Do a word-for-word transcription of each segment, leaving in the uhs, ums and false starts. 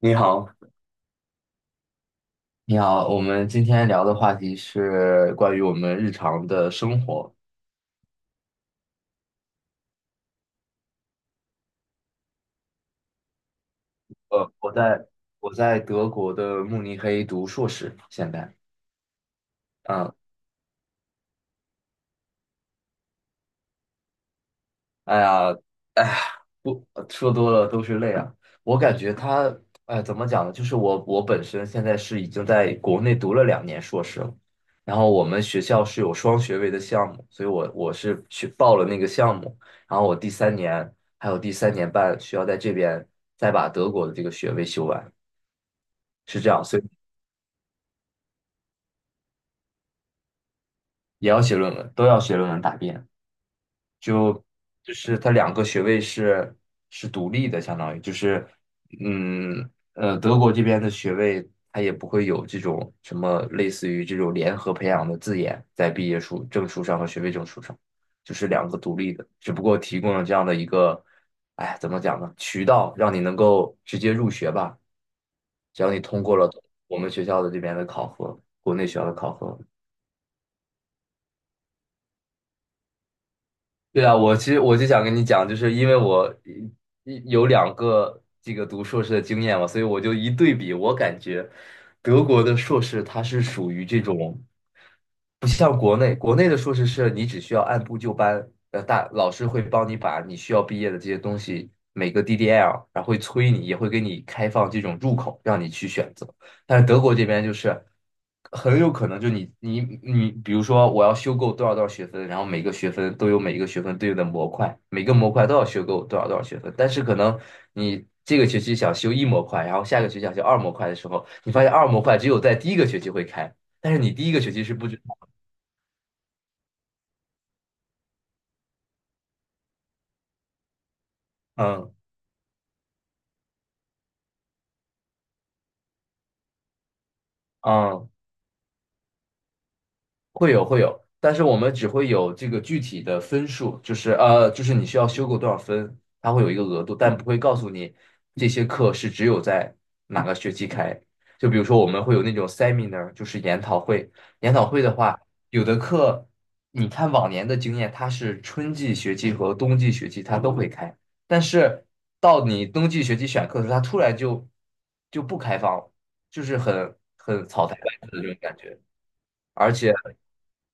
你好，你好，我们今天聊的话题是关于我们日常的生活。呃，我在我在德国的慕尼黑读硕士，现在。啊，哎呀，哎呀，不说多了都是泪啊！我感觉他，哎，怎么讲呢？就是我，我本身现在是已经在国内读了两年硕士了，然后我们学校是有双学位的项目，所以我我是去报了那个项目，然后我第三年还有第三年半需要在这边再把德国的这个学位修完。是这样，所以也要写论文，都要写论文答辩。就是它两个学位是是独立的，相当于就是，嗯呃，德国这边的学位它也不会有这种什么类似于这种联合培养的字眼在毕业书证书上和学位证书上，就是两个独立的，只不过提供了这样的一个，哎，怎么讲呢？渠道让你能够直接入学吧，只要你通过了我们学校的这边的考核，国内学校的考核。对啊，我其实我就想跟你讲，就是因为我一一有两个这个读硕士的经验嘛，所以我就一对比，我感觉德国的硕士它是属于这种，不像国内，国内的硕士是你只需要按部就班，呃，大老师会帮你把你需要毕业的这些东西每个 D D L,然后会催你，也会给你开放这种入口，让你去选择。但是德国这边就是很有可能就你你你，比如说我要修够多少多少学分，然后每个学分都有每一个学分对应的模块，每个模块都要修够多少多少学分，但是可能你这个学期想修一模块，然后下个学期想修二模块的时候，你发现二模块只有在第一个学期会开，但是你第一个学期是不知道。嗯嗯。会有会有，但是我们只会有这个具体的分数，就是呃，就是你需要修够多少分，它会有一个额度，但不会告诉你这些课是只有在哪个学期开。就比如说我们会有那种 seminar,就是研讨会。研讨会的话，有的课你看往年的经验，它是春季学期和冬季学期它都会开，但是到你冬季学期选课的时候，它突然就就不开放了，就是很很草台班子的这种感觉。而且。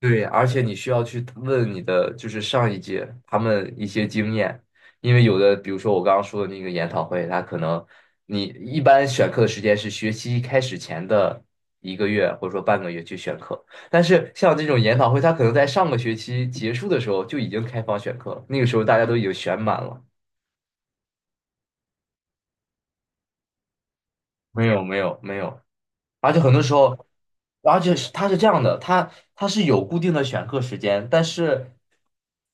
对，而且你需要去问你的就是上一届他们一些经验，因为有的，比如说我刚刚说的那个研讨会，它可能你一般选课的时间是学期开始前的一个月或者说半个月去选课，但是像这种研讨会，它可能在上个学期结束的时候就已经开放选课了，那个时候大家都已经选满了。没有没有没有，而且很多时候，而且是它是这样的，它它是有固定的选课时间，但是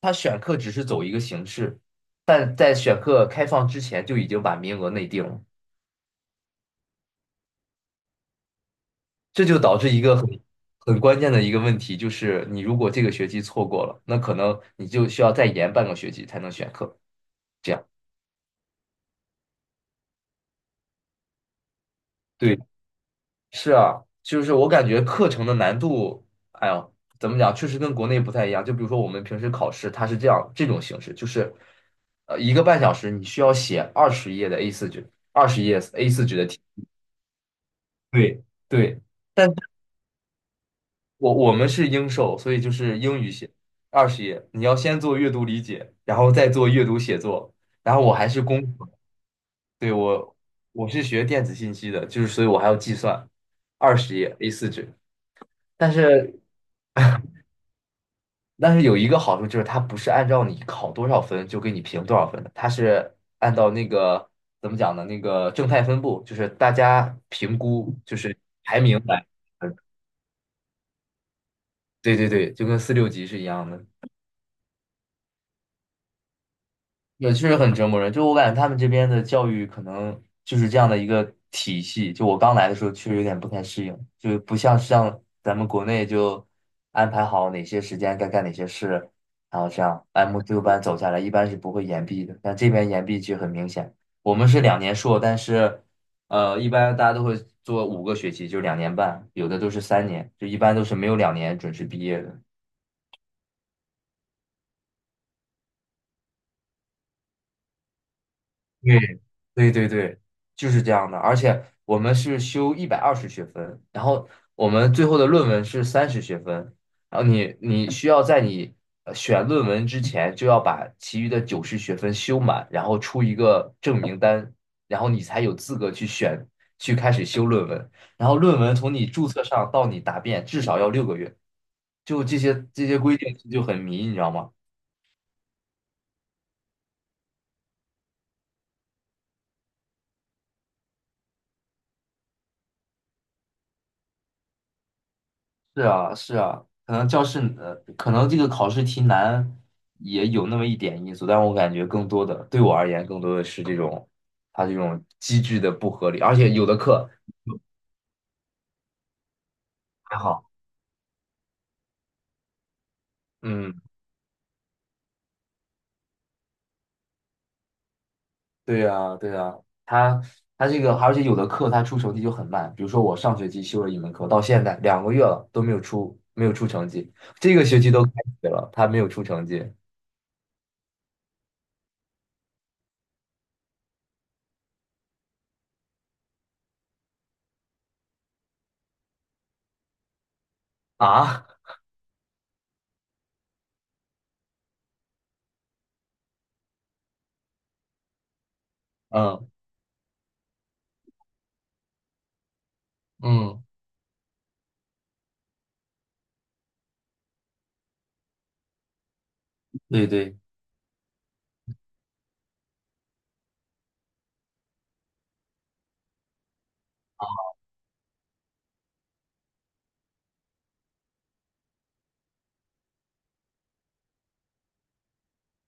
它选课只是走一个形式，但在选课开放之前就已经把名额内定了，这就导致一个很很关键的一个问题，就是你如果这个学期错过了，那可能你就需要再延半个学期才能选课，这样。对。是啊，就是我感觉课程的难度，哎呦，怎么讲，确实跟国内不太一样。就比如说我们平时考试，它是这样这种形式，就是呃一个半小时，你需要写二十页的 a 四纸，二十页 a 四纸的题。对对，但是我我们是英授，所以就是英语写二十页，你要先做阅读理解，然后再做阅读写作。然后我还是工科，对我我是学电子信息的，就是所以我还要计算二十页 a 四纸，但是。但是有一个好处就是它不是按照你考多少分就给你评多少分的，它是按照那个怎么讲呢？那个正态分布，就是大家评估就是排名来。对对对，就跟四六级是一样的。也确实很折磨人。就我感觉他们这边的教育可能就是这样的一个体系。就我刚来的时候，确实有点不太适应，就不像像咱们国内就安排好哪些时间该干哪些事，然后这样按部就班走下来，一般是不会延毕的。但这边延毕其实很明显，我们是两年硕，但是呃，一般大家都会做五个学期，就两年半，有的都是三年，就一般都是没有两年准时毕业的。对对对对，就是这样的。而且我们是修一百二十学分，然后我们最后的论文是三十学分，然后你你需要在你呃选论文之前就要把其余的九十学分修满，然后出一个证明单，然后你才有资格去选去开始修论文。然后论文从你注册上到你答辩至少要六个月，就这些这些规定就很迷，你知道吗？是啊，是啊，可能教室呃，可能这个考试题难也有那么一点因素，但我感觉更多的对我而言，更多的是这种它这种机制的不合理，而且有的课还好，嗯，对呀，对呀，它它这个，而且有的课它出成绩就很慢，比如说我上学期修了一门课，到现在两个月了都没有出没有出成绩，这个学期都开学了，它没有出成绩啊，嗯嗯，对对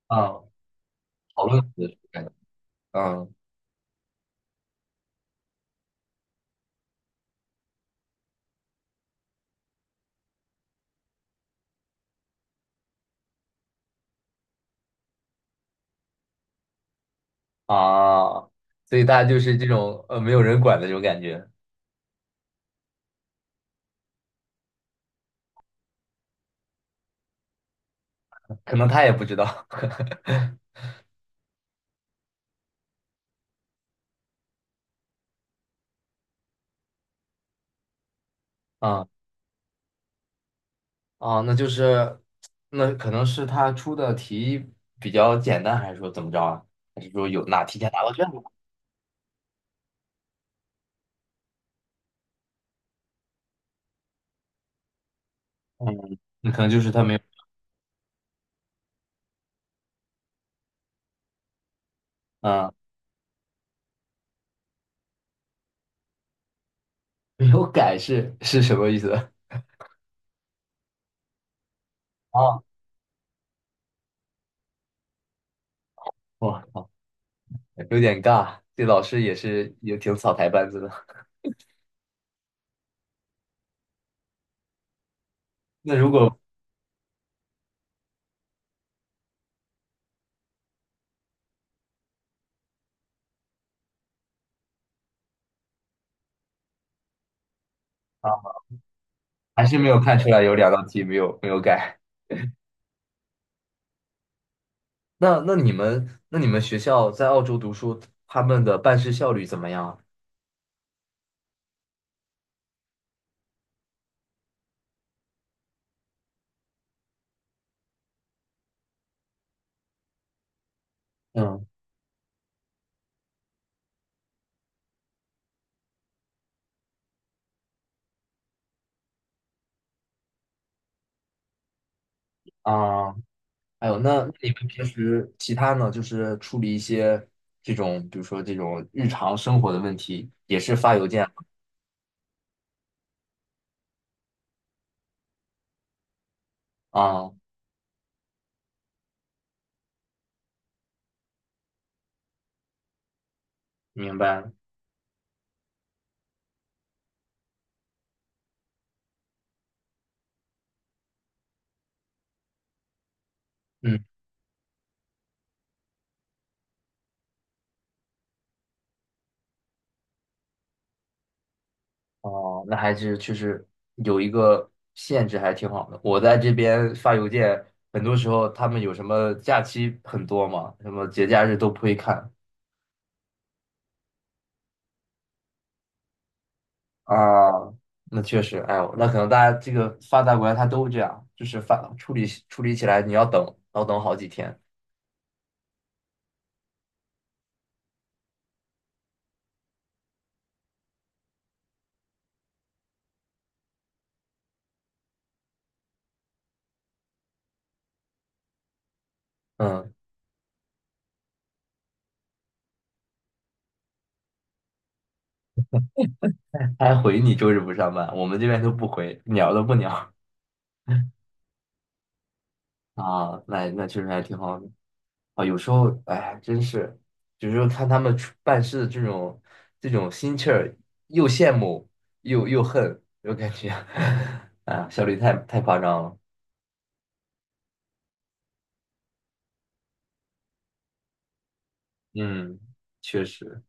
啊，讨论的感觉嗯。啊，所以大家就是这种呃没有人管的这种感觉，可能他也不知道 啊啊，那就是那可能是他出的题比较简单，还是说怎么着啊？还是说有哪提前拿到卷子？嗯，那可能就是他没有啊，没有改是是什么意思？啊，我靠，有点尬，这老师也是也挺草台班子的。那如果啊，还是没有看出来有两道题没有没有改。那那你们那你们学校在澳洲读书，他们的办事效率怎么样？嗯啊，还有那那你们平时其他呢，就是处理一些这种，比如说这种日常生活的问题，也是发邮件啊？明白了嗯，哦，那还是确实有一个限制，还挺好的。我在这边发邮件，很多时候他们有什么假期很多嘛，什么节假日都不会看，啊，那确实，哎呦，那可能大家这个发达国家它都这样，就是发处理处理起来你要等，要等好几天。嗯，他还回你周日不上班，我们这边都不回，鸟都不鸟啊。那那确实还挺好的啊。有时候，哎，真是，有时候看他们处办事的这种这种心气儿，又羡慕又又恨，又感觉 啊，效率太太夸张了。嗯，确实。